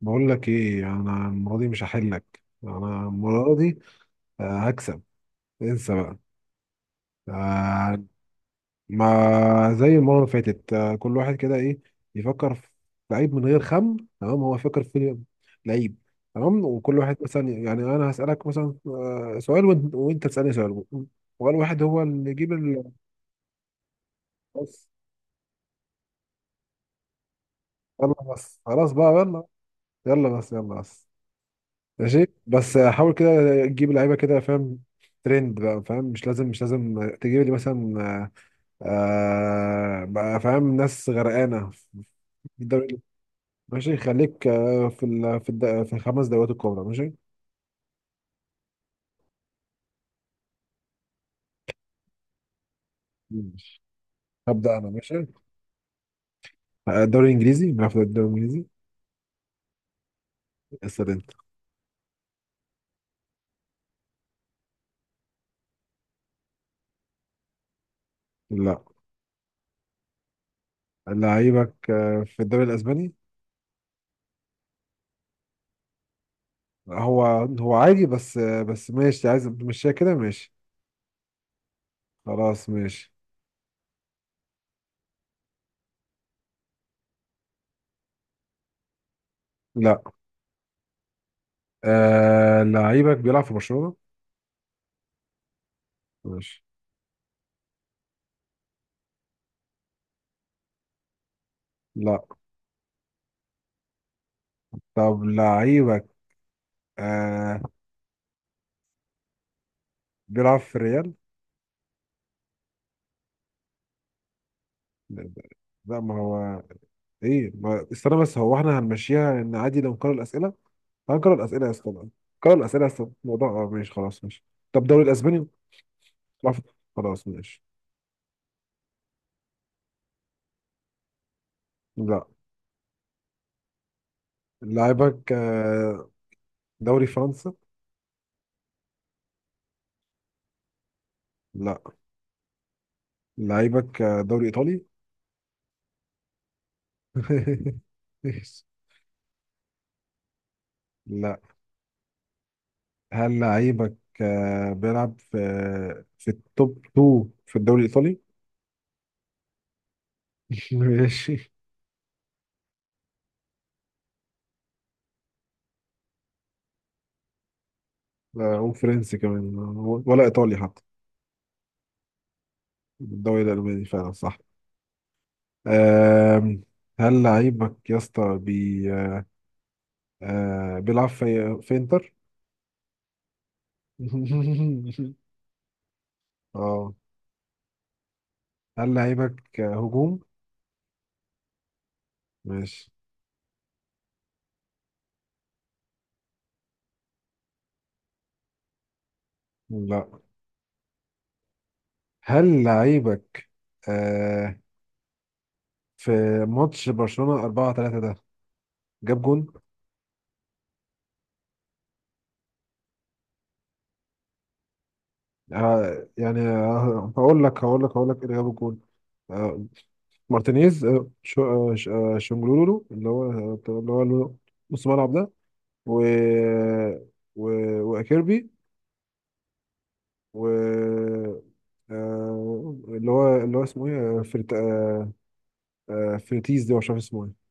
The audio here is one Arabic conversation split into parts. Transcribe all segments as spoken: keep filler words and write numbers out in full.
بقول لك ايه؟ انا المره دي مش هحلك انا، المره دي. آه، هكسب. انسى بقى. آه، ما زي المره اللي فاتت. آه، كل واحد كده ايه، يفكر في لعيب من غير خم. تمام، هو فكر في لعيب. تمام، وكل واحد مثلا يعني انا هسالك مثلا آه، سؤال، وانت, وانت تسالني سؤال. وقال واحد هو اللي يجيب ال- بس. يلا بس، خلاص بقى يلا. يلا بس، يلا بس. ماشي بس، حاول كده تجيب لعيبه، كده فاهم؟ ترند بقى، فاهم؟ مش لازم مش لازم تجيب لي مثلا آه آه، بقى، فاهم؟ ناس غرقانه في الدوري. ماشي، خليك آه، في ال في الد في الخمس دوريات الكبرى، ماشي. ماشي، هبدأ انا. ماشي، آه، الدوري الانجليزي، بنلعب في الدوري الانجليزي. اسال انت. لا، لعيبك آه، في الدوري الاسباني؟ هو هو عادي، بس آه، بس ماشي، عايز تمشيها كده؟ ماشي، خلاص ماشي. لا، آه لعيبك بيلعب في برشلونة؟ ماشي. لا. طب لعيبك آه بيلعب في ريال؟ لا. لا، ما هو ايه ما... استنى بس، هو احنا هنمشيها ان عادي لو نكرر الاسئله؟ هنكرر الاسئله يا اسطى بقى. نكرر الاسئله يا اسطى؟ الموضوع اه، ماشي خلاص ماشي. طب دوري الاسباني؟ بيلعب في- خلاص ماشي. لا، لعيبك آه دوري فرنسا؟ لا، لعيبك آه دوري ايطالي. لا. هل لعيبك آه، بيلعب في في التوب اتنين في الدوري الإيطالي؟ ماشي. لا، هو فرنسي كمان، ولا إيطالي حتى. الدوري الألماني فعلا صح. آم، هل لعيبك يا اسطى بي آه، آه، بيلعب في في إنتر؟ اه. هل لعيبك آه، هجوم؟ ماشي. لا. هل لعيبك آه، في ماتش برشلونة اربعة تلاتة ده جاب جون؟ آه يعني آه، هقول لك هقول لك هقول لك إيه اللي جاب الجول. آه مارتينيز، آه شو آه ش- آه شنجلولولو اللي هو اللي هو نص ملعب ده، و و وأكيربي، و آه اللي هو اللي هو اسمه ايه آه، فرت... آه آه فرتيز، ده مش عارف اسمه ايه.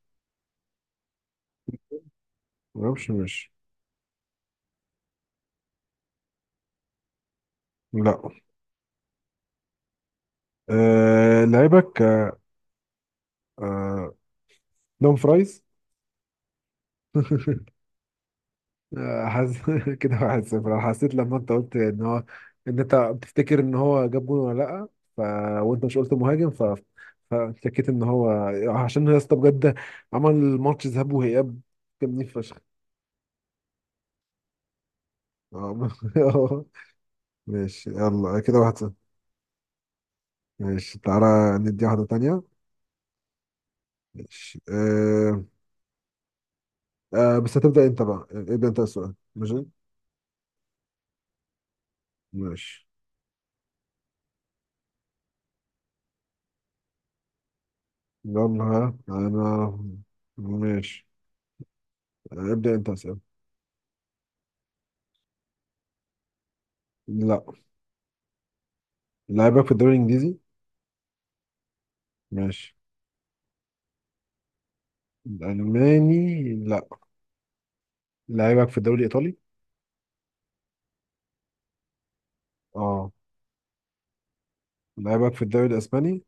ما اعرفش مش. لا، آه لعيبك آه دوم فرايز. حاسس كده واحد صفر. انا حسيت لما انت قلت ان هو، ان انت بتفتكر ان هو جاب جون ولا لا، ف... وانت مش قلت مهاجم، ف فشكيت ان هو، عشان يا اسطى بجد عمل ماتش ذهاب واياب، كان نيف فشخ. آه. ماشي، يلا كده واحد صفر. ماشي، تعالى ندي واحدة تانية. ماشي. آه... آه بس هتبدأ انت بقى. ابدأ انت السؤال، ماشي؟ ماشي، يلا ها انا. ماشي، آه، ابدأ انت اسأل. لا. لعيبك في الدوري الانجليزي؟ ماشي. الالماني لا. لعيبك في الدوري الايطالي؟ اه. لعيبك في الدوري الاسباني؟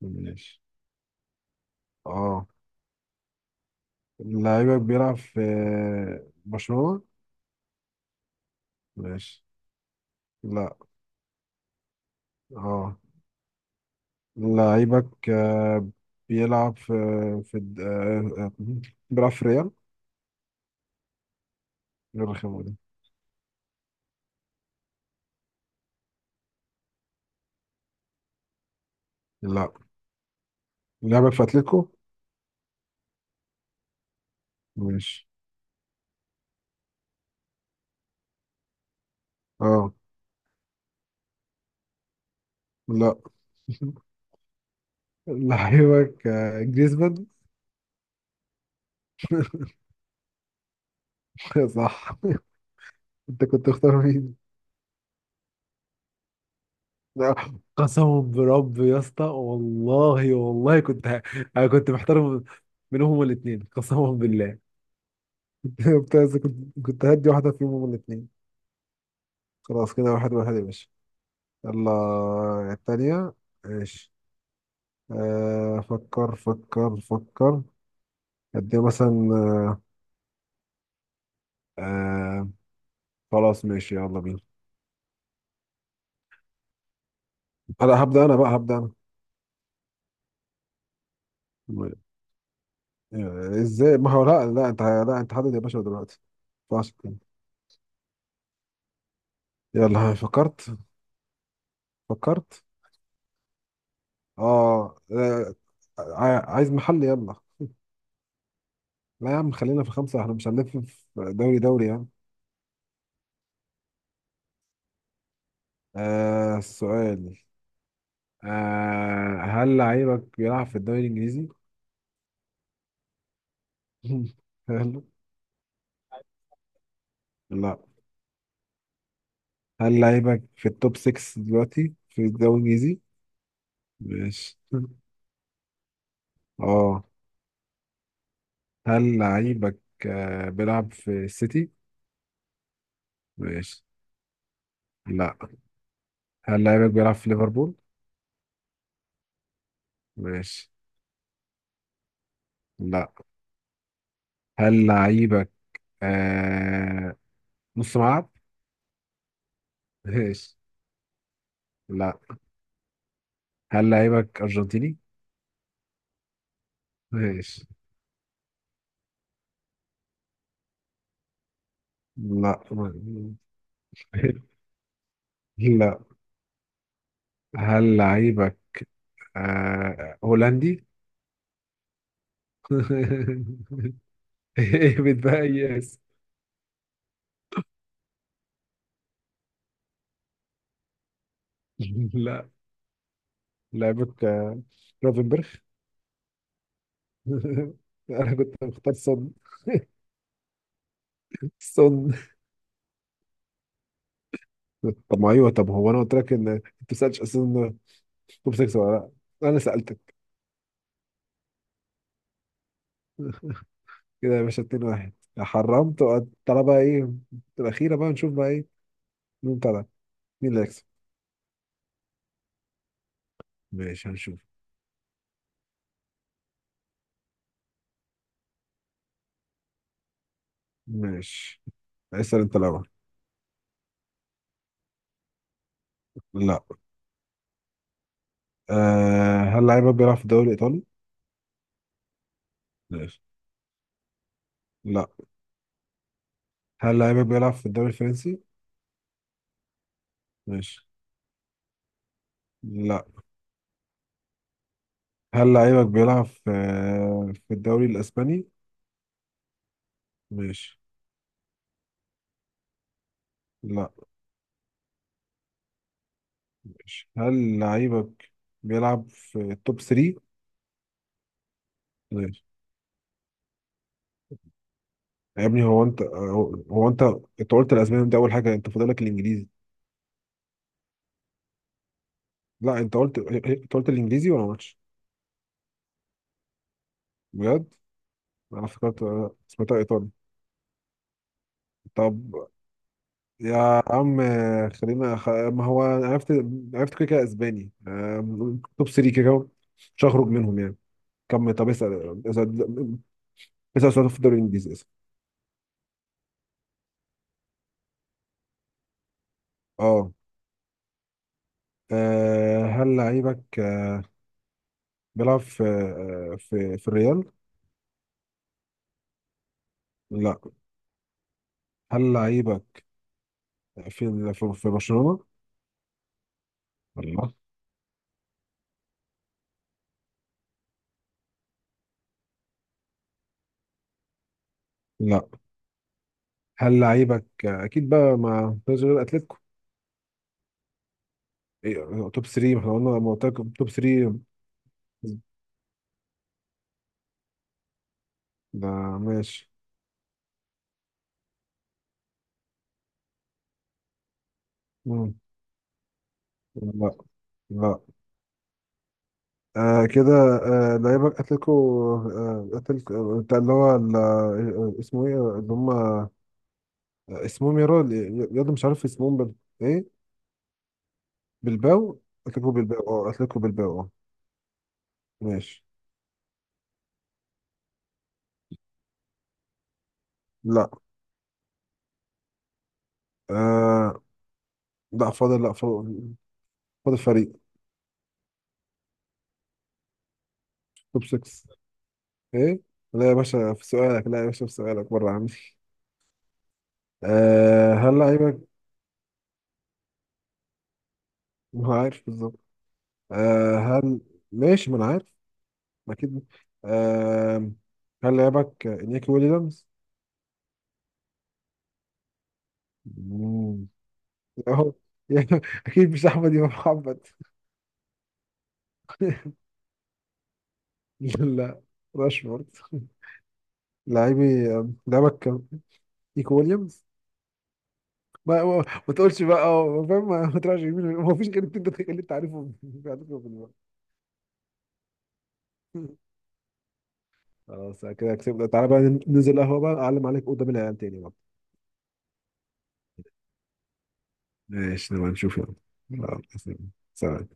ماشي، اه. لعيبك بيلعب في برشلونة؟ ماشي. لا. اه، لعيبك آه، بيلعب في في الد- آه، آه، بيلعب في ريال؟ غير الخيمة دي. لا. لعيبك في اتلتيكو؟ ماشي، اه. لا. لعيبك آه، جريزمان؟ صح. انت كنت تختار مين؟ قسما برب يا اسطى، والله والله كنت ه... انا كنت محترم منهم هما الاثنين، قسما بالله. كنت عايز- كنت كنت هدي واحده فيهم هما الاثنين. خلاص، كده واحد واحد يا باشا. يلا الثانيه. ماشي، آه فكر فكر فكر. اديها مثلا آه خلاص، ماشي يلا بينا. انا هبدا، انا بقى هبدا انا. آه، ازاي؟ ما هو لا لا، انت لا، انت حدد يا باشا دلوقتي. ما ينفعش كده. يلا ها، فكرت؟ فكرت اه، آه، ع- عايز محل؟ يلا. لا يا عم، خلينا في خمسة، احنا مش هنلف في دوري دوري يعني. آه السؤال، آه هل لعيبك بيلعب في الدوري الإنجليزي؟ هل، لا. هل لعيبك في التوب ستة دلوقتي في الدوري الإنجليزي؟ ماشي، اه. هل لعيبك آه بيلعب في السيتي؟ ماشي. لا. هل لعيبك بيلعب في ليفربول؟ ماشي. لا. هل لعيبك آه نص ملعب؟ ماشي. لا. هل لعيبك أرجنتيني؟ ماشي. لا. ما- لا. هل لعيبك آه... هولندي؟ ايه بتبيس؟ لا، لعيبك آه... روفنبرغ. انا كنت مختار سون. سون. طب ما ايوه، طب هو انا قلت لك ان انت ما سالتش اصلا توب ستة ولا؟ لا، انا سالتك كده يا باشا. اتنين واحد. حرمت وقعدت. تعالى بقى، ايه الاخيره بقى، نشوف بقى ايه، مين طلع، مين اللي هيكسب. ماشي، هنشوف. ماشي، اسأل انت الاول. لا. أه، هل لعيبك بيلعب في الدوري الايطالي؟ ماشي. لا. هل لعيبك بيلعب في الدوري الفرنسي؟ ماشي. لا. هل لعيبك بيلعب في في الدوري الاسباني؟ ماشي. لا. ماشي. هل لعيبك بيلعب في التوب تلاتة؟ ماشي. يا ابني، هو انت هو هو انت، انت قلت الاسباني ده اول حاجه، انت فاضلك الانجليزي. لا، انت قلت انت قلت الانجليزي ولا ماتش. بجد، انا افتكرت آه، سمعتها ايطالي. طب يا عم، خلينا خ... ما هو أنا عرفت، عرفت كده كده اسباني، آم، توب تلاتة كده كده، مش هخرج منهم يعني. كم؟ طب اسال اسال اسال سؤال في الدوري الانجليزي اسال. اه، آه، هل لعيبك آه، بيلعب في آه، في في الريال؟ لا. هل لعيبك في في, في برشلونة؟ لا. لا. هل لعيبك آه، اكيد بقى ما فيش غير اتلتيكو؟ إيه، توب تلاتة. ما احنا قلنا، ما قلت لك توب تلاتة ده. ماشي. مم. لا. لا، آه كده، آه لعيبة أتلتيكو، آه أتلتيكو بتاع اللي هو ال- آه، اسمه إيه اللي هم، آه، اسمهم يا راجل، يا ده مش عارف اسمهم بال... إيه؟ بالباو. أتلتيكو بالباو أه، أتلتيكو بالباو أه. ماشي. لا. آه لا، فاضل، لا فاضل، فاضل فريق. توب ستة. إيه؟ لا يا باشا، في سؤالك لا يا باشا في سؤالك بره عندي. آه، هل لعيبة، ما عارف بالظبط. آه، هل، ماشي، ما أنا عارف. أكيد. آه، هل لعيبك إنياكي ويليامز؟ مم. اهو. اكيد مش احمد امام محمد. لا لا، راشفورد. لاعبي، لعبك كان نيكو ويليامز. ما ما ما تقولش بقى، أه، فاهم؟ ما ما تراجعش يمين ويمين. ما فيش غير الاتنين دول اللي انت عارفهم في عندكم في الوقت. خلاص كده كسبنا. تعالى بقى ننزل قهوة بقى، اعلم عليك قدام العيال تاني بقى. ماشي، نبقى نشوف يلا. مم. يلا، سلام.